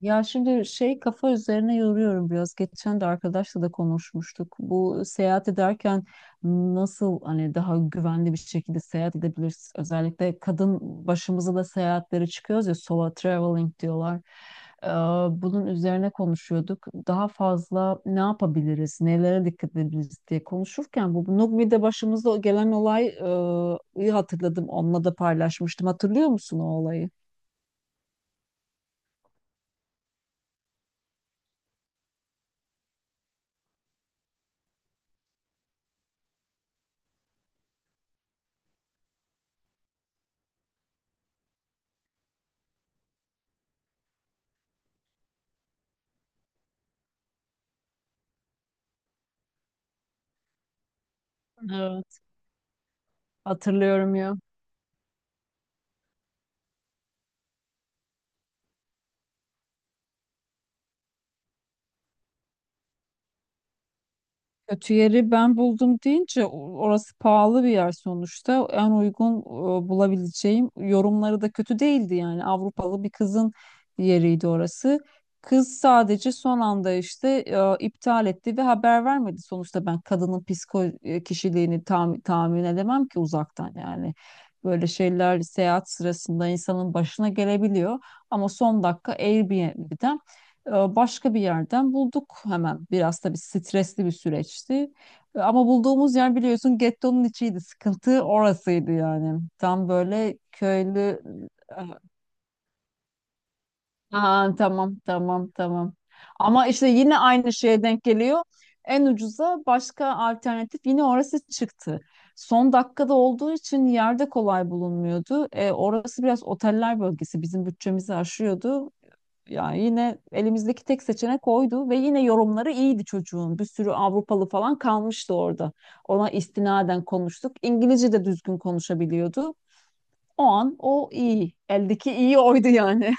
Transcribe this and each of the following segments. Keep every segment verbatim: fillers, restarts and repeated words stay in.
Ya şimdi şey kafa üzerine yoruyorum biraz. Geçen de arkadaşla da konuşmuştuk. Bu seyahat ederken nasıl hani daha güvenli bir şekilde seyahat edebiliriz? Özellikle kadın başımıza da seyahatlere çıkıyoruz ya solo traveling diyorlar. Ee, bunun üzerine konuşuyorduk. Daha fazla ne yapabiliriz, nelere dikkat edebiliriz diye konuşurken bu Nugmi'de başımıza gelen olay e, iyi hatırladım. Onunla da paylaşmıştım. Hatırlıyor musun o olayı? Evet, hatırlıyorum ya. Kötü yeri ben buldum deyince o- orası pahalı bir yer sonuçta. En uygun e, bulabileceğim yorumları da kötü değildi yani Avrupalı bir kızın yeriydi orası. Kız sadece son anda işte e, iptal etti ve haber vermedi. Sonuçta ben kadının psiko e, kişiliğini tam, tahmin edemem ki uzaktan yani. Böyle şeyler seyahat sırasında insanın başına gelebiliyor. Ama son dakika Airbnb'den e, Başka bir yerden bulduk hemen. Biraz tabii stresli bir süreçti. E, Ama bulduğumuz yer biliyorsun gettonun içiydi. Sıkıntı orasıydı yani. Tam böyle köylü... Aa, tamam tamam tamam. Ama işte yine aynı şeye denk geliyor. En ucuza başka alternatif yine orası çıktı. Son dakikada olduğu için yerde kolay bulunmuyordu. E, orası biraz oteller bölgesi bizim bütçemizi aşıyordu. Yani yine elimizdeki tek seçenek oydu ve yine yorumları iyiydi çocuğun. Bir sürü Avrupalı falan kalmıştı orada. Ona istinaden konuştuk. İngilizce de düzgün konuşabiliyordu. O an o iyi. Eldeki iyi oydu yani.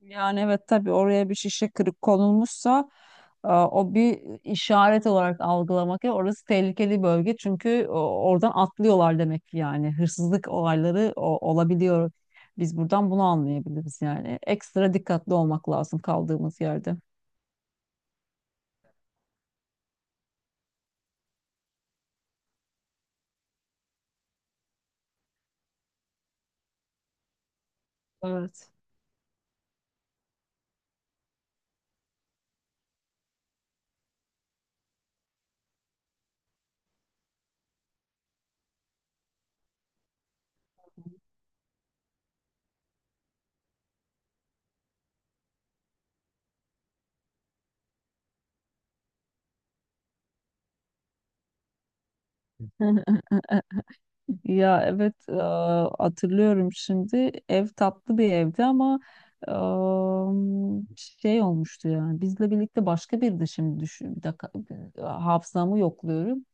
Yani evet tabii oraya bir şişe kırık konulmuşsa e, o bir işaret olarak algılamak. Ya Orası tehlikeli bölge çünkü o- oradan atlıyorlar demek ki yani. Hırsızlık olayları o- olabiliyor. Biz buradan bunu anlayabiliriz yani. Ekstra dikkatli olmak lazım kaldığımız yerde. Evet. Ya evet e, hatırlıyorum şimdi ev tatlı bir evdi ama e, şey olmuştu yani bizle birlikte başka birdi şimdi düşün bir dakika e, hafızamı yokluyorum.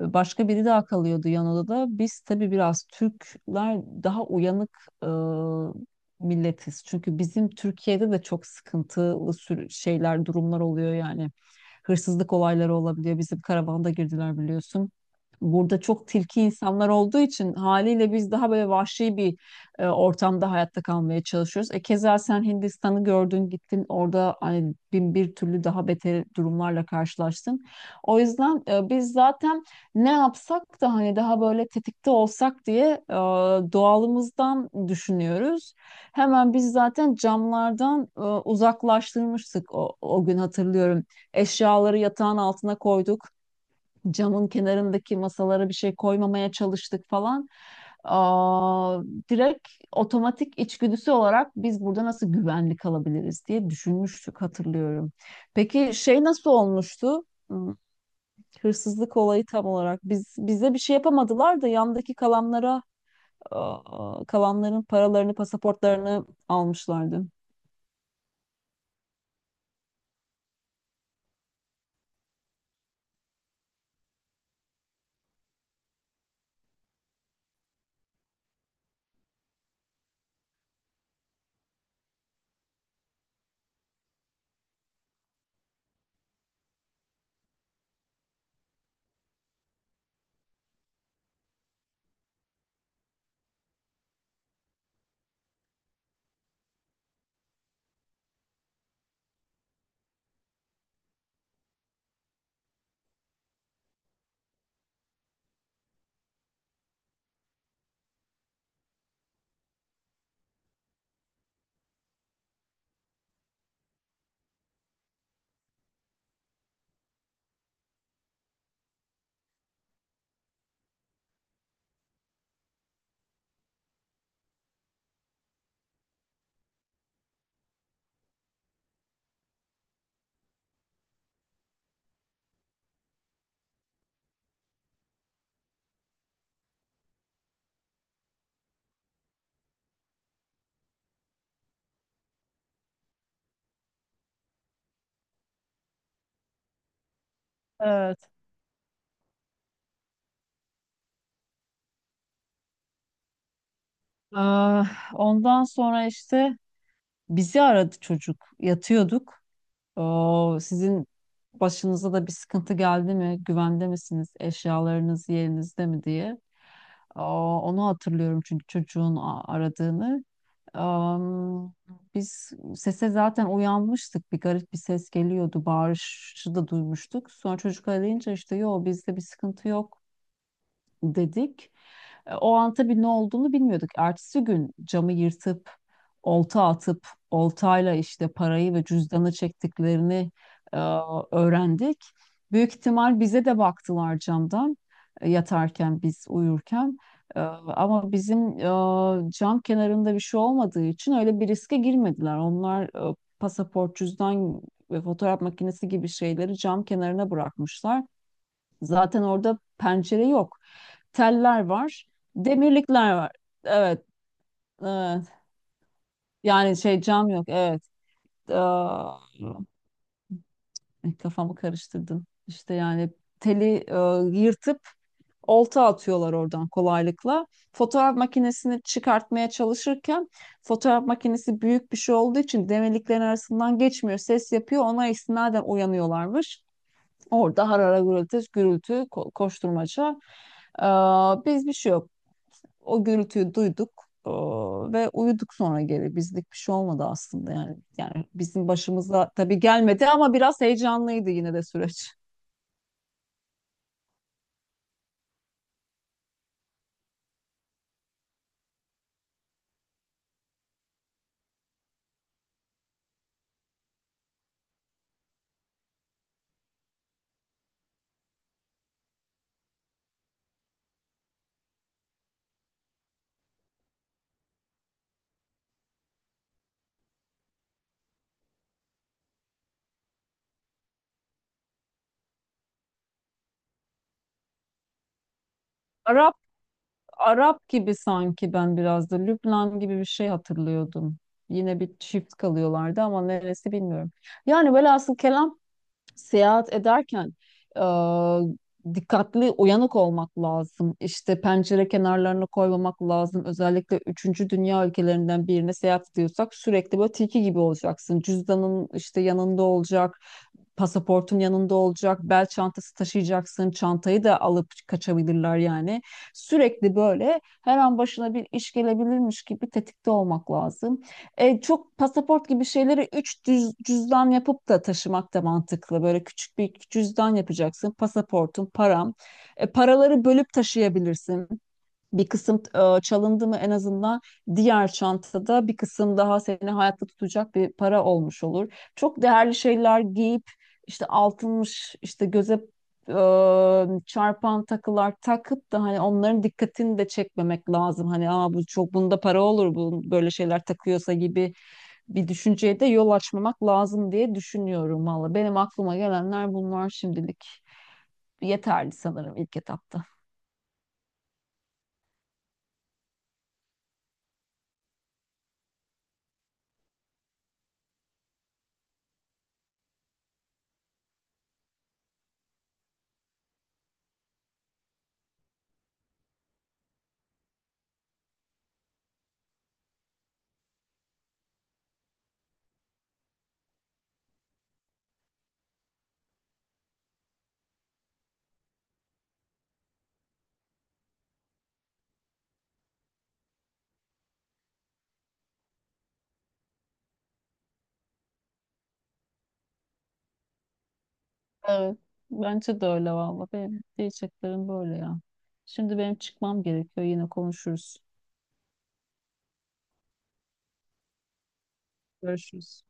E, Başka biri daha kalıyordu yan odada. Biz tabii biraz Türkler daha uyanık e, milletiz. Çünkü bizim Türkiye'de de çok sıkıntılı sür- şeyler, durumlar oluyor yani. Hırsızlık olayları olabiliyor. Bizim karavanda girdiler biliyorsun. Burada çok tilki insanlar olduğu için haliyle biz daha böyle vahşi bir e, ortamda hayatta kalmaya çalışıyoruz. E keza sen Hindistan'ı gördün, gittin orada hani bin bir türlü daha beter durumlarla karşılaştın. O yüzden e, biz zaten ne yapsak da hani daha böyle tetikte olsak diye e, doğalımızdan düşünüyoruz. Hemen biz zaten camlardan e, uzaklaştırmıştık o, o gün hatırlıyorum. Eşyaları yatağın altına koyduk. Camın kenarındaki masalara bir şey koymamaya çalıştık falan. Aa, direkt otomatik içgüdüsü olarak biz burada nasıl güvenli kalabiliriz diye düşünmüştük hatırlıyorum. Peki şey nasıl olmuştu? Hırsızlık olayı tam olarak. Biz bize bir şey yapamadılar da yandaki kalanlara aa, kalanların paralarını, pasaportlarını almışlardı. Evet. Aa, ondan sonra işte bizi aradı çocuk. Yatıyorduk. Oo, sizin başınıza da bir sıkıntı geldi mi? Güvende misiniz? Eşyalarınız yerinizde mi diye. Aa, onu hatırlıyorum çünkü çocuğun a- aradığını. Am, biz sese zaten uyanmıştık. Bir garip bir ses geliyordu. Bağırışı da duymuştuk. Sonra çocuk arayınca işte yo bizde bir sıkıntı yok dedik. E, O an tabii ne olduğunu bilmiyorduk. Ertesi gün camı yırtıp, olta atıp, oltayla işte parayı ve cüzdanı çektiklerini e, öğrendik. Büyük ihtimal bize de baktılar camdan e, yatarken biz uyurken. E, Ama bizim e, cam kenarında bir şey olmadığı için öyle bir riske girmediler. Onlar e, pasaport, cüzdan ve fotoğraf makinesi gibi şeyleri cam kenarına bırakmışlar. Zaten orada pencere yok. Teller var. Demirlikler var. Evet. Evet. Yani şey cam yok. Evet. Aa, kafamı karıştırdın. İşte yani teli e, yırtıp olta atıyorlar oradan kolaylıkla. Fotoğraf makinesini çıkartmaya çalışırken fotoğraf makinesi büyük bir şey olduğu için demirliklerin arasından geçmiyor. Ses yapıyor. Ona istinaden uyanıyorlarmış. Orada harara gürültü, gürültü, ko- koşturmaca. Aa, biz bir şey yok. O gürültüyü duyduk e, ve uyuduk sonra geri. Bizlik bir şey olmadı aslında yani. Yani bizim başımıza tabii gelmedi ama biraz heyecanlıydı yine de süreç. Arap Arap gibi sanki ben biraz da Lübnan gibi bir şey hatırlıyordum. Yine bir çift kalıyorlardı ama neresi bilmiyorum. Yani velhasıl kelam seyahat ederken e, dikkatli, uyanık olmak lazım. İşte pencere kenarlarına koymamak lazım. Özellikle üçüncü dünya ülkelerinden birine seyahat ediyorsak sürekli böyle tilki gibi olacaksın. Cüzdanın işte yanında olacak. Pasaportun yanında olacak, bel çantası taşıyacaksın, çantayı da alıp kaçabilirler yani. Sürekli böyle her an başına bir iş gelebilirmiş gibi tetikte olmak lazım. E, çok pasaport gibi şeyleri üç cüzdan yapıp da taşımak da mantıklı. Böyle küçük bir cüzdan yapacaksın. Pasaportun, param. E, paraları bölüp taşıyabilirsin bir kısım e, çalındı mı en azından diğer çantada bir kısım daha seni hayatta tutacak bir para olmuş olur. Çok değerli şeyler giyip işte altınmış işte göze e, çarpan takılar takıp da hani onların dikkatini de çekmemek lazım. Hani aa bu çok bunda para olur bu böyle şeyler takıyorsa gibi bir düşünceye de yol açmamak lazım diye düşünüyorum valla. Benim aklıma gelenler bunlar şimdilik yeterli sanırım ilk etapta. Evet. Bence de öyle valla. Benim diyeceklerim böyle ya. Şimdi benim çıkmam gerekiyor. Yine konuşuruz. Görüşürüz.